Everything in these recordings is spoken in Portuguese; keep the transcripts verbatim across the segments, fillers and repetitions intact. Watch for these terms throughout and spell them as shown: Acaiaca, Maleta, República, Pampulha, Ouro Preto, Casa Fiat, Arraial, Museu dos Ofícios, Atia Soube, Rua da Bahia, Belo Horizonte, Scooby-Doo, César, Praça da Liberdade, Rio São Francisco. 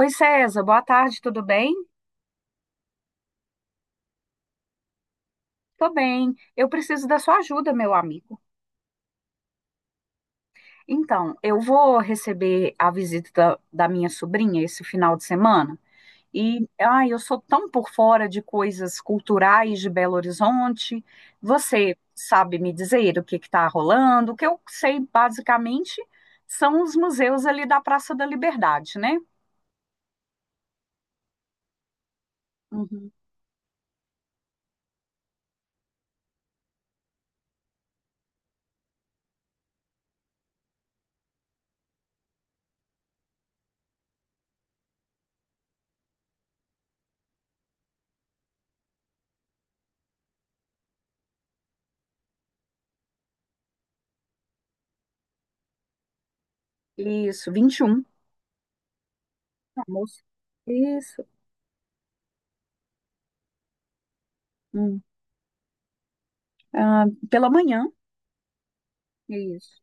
Oi, César, boa tarde, tudo bem? Tô bem. Eu preciso da sua ajuda, meu amigo. Então, eu vou receber a visita da minha sobrinha esse final de semana. E, ai, eu sou tão por fora de coisas culturais de Belo Horizonte. Você sabe me dizer o que está rolando? O que eu sei, basicamente, são os museus ali da Praça da Liberdade, né? Uhum. Isso, vinte e um. Almoço. Isso. Hum. Ah, pela manhã. Isso.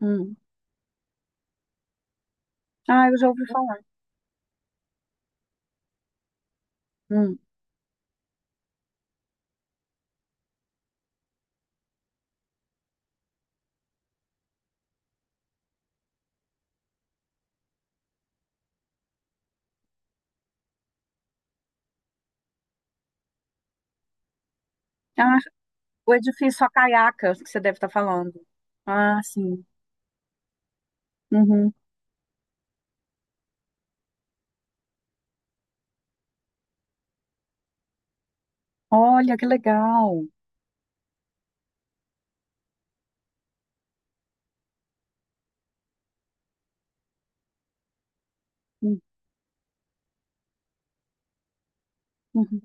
Hum. Ah, eu já ouvi falar. Hum. Ah, o edifício Acaiaca, que você deve estar falando. Ah, sim. Uhum. Olha, que legal. Hum, uhum.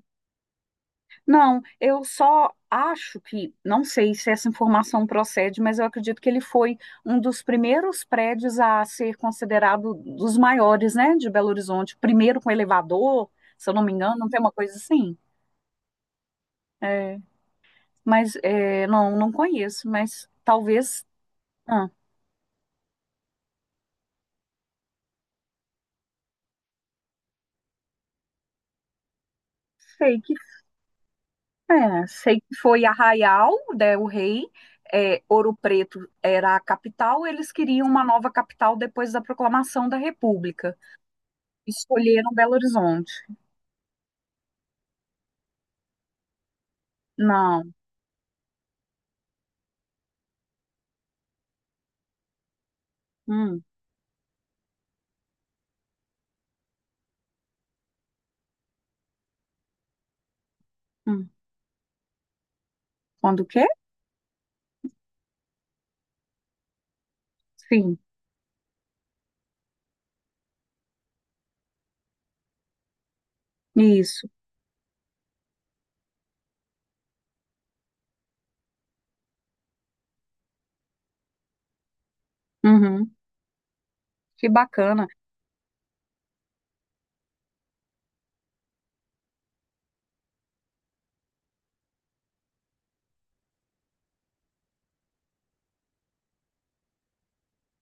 Não, eu só acho que, não sei se essa informação procede, mas eu acredito que ele foi um dos primeiros prédios a ser considerado dos maiores, né, de Belo Horizonte. Primeiro com elevador, se eu não me engano, não tem uma coisa assim? É, mas é, não, não conheço, mas talvez. Ah, sei que É, sei que foi Arraial, né, o rei, é, Ouro Preto era a capital, eles queriam uma nova capital depois da proclamação da República. Escolheram Belo Horizonte. Não. Hum, hum. Quando o quê? Sim, isso. Uhum. Que bacana.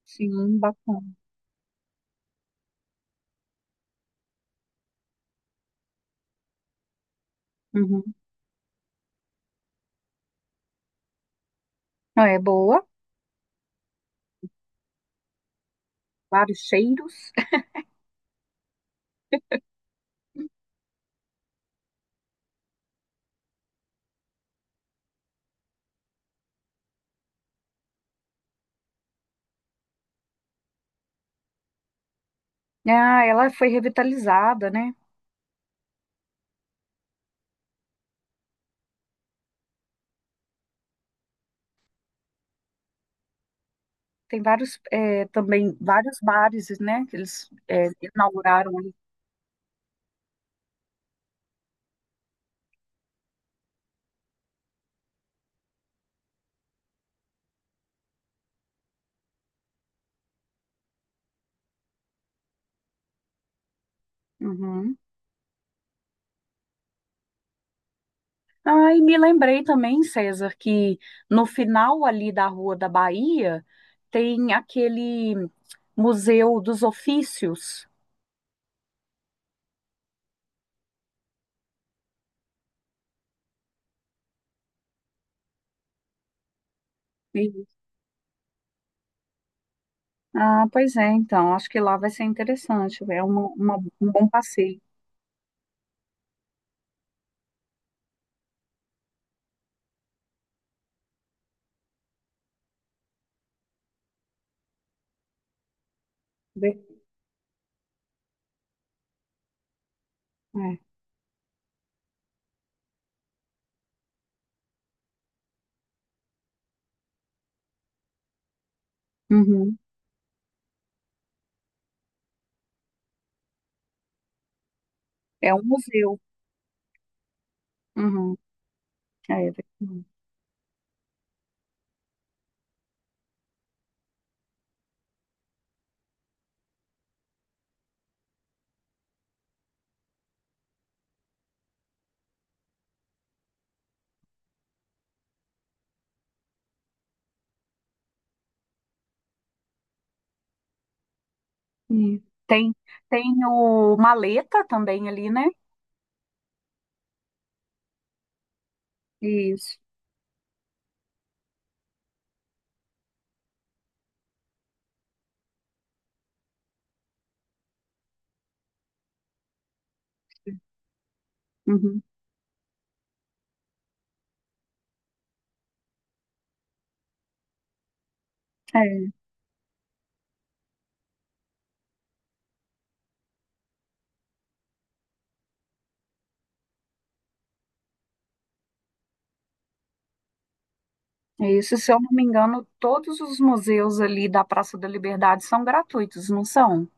Sim, bacana. Uhum. Não, é boa, vários cheiros. Ah, ela foi revitalizada, né? Tem vários, é, também, vários bares, né, que eles é, inauguraram ali. Uhum. Ah, e me lembrei também, César, que no final ali da Rua da Bahia tem aquele Museu dos Ofícios. E- Ah, pois é, então, acho que lá vai ser interessante, é uma, uma- um bom passeio. Ver- É, uhum. É um museu. Uhum. É, ver- e tem, tem o Maleta também ali, né? Isso. Uhum. É. É isso, se eu não me engano, todos os museus ali da Praça da Liberdade são gratuitos, não são?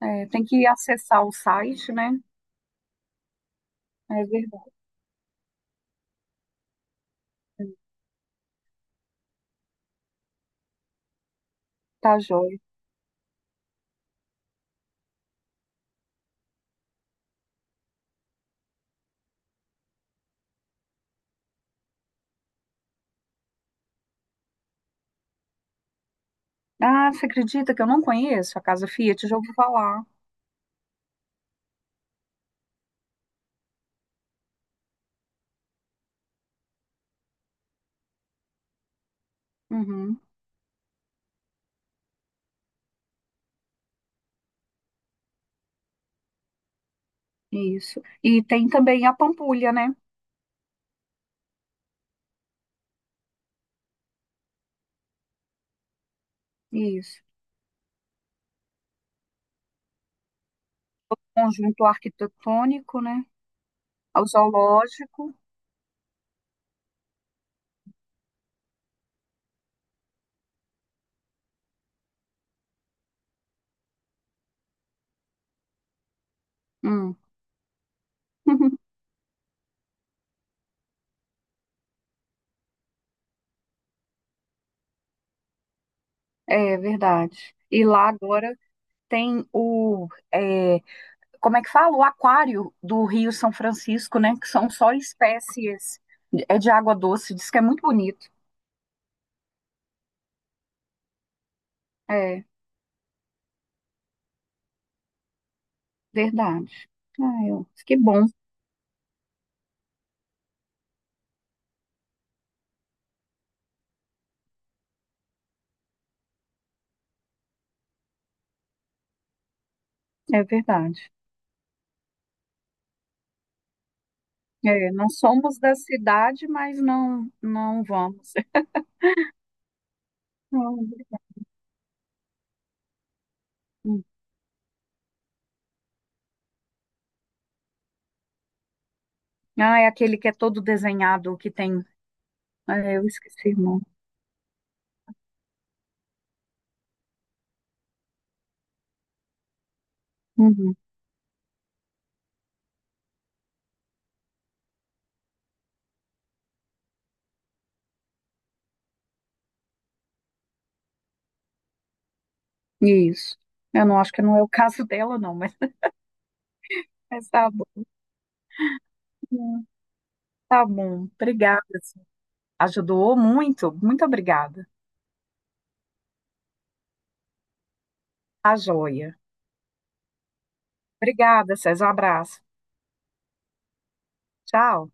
É, tem que acessar o site, né? É verdade, tá joia. Ah, você acredita que eu não conheço a Casa Fiat? Já ouvi falar. Uhum, isso. E tem também a Pampulha, né? Isso. Conjunto arquitetônico, né? O zoológico. Hum. É verdade. E lá agora tem o. é, como é que fala? O aquário do Rio São Francisco, né? Que são só espécies é de água doce, diz que é muito bonito. É, verdade. Ah, eu, que bom, é verdade. É, não somos da cidade, mas não não vamos. Não. Ah, é aquele que é todo desenhado, que tem. É, eu esqueci, irmão. Uhum, isso. Eu não acho que não é o caso dela, não, mas, mas tá bom. Hum, Tá bom. Obrigada. Sim. Ajudou muito. Muito obrigada. A joia. Obrigada, César. Um abraço. Tchau.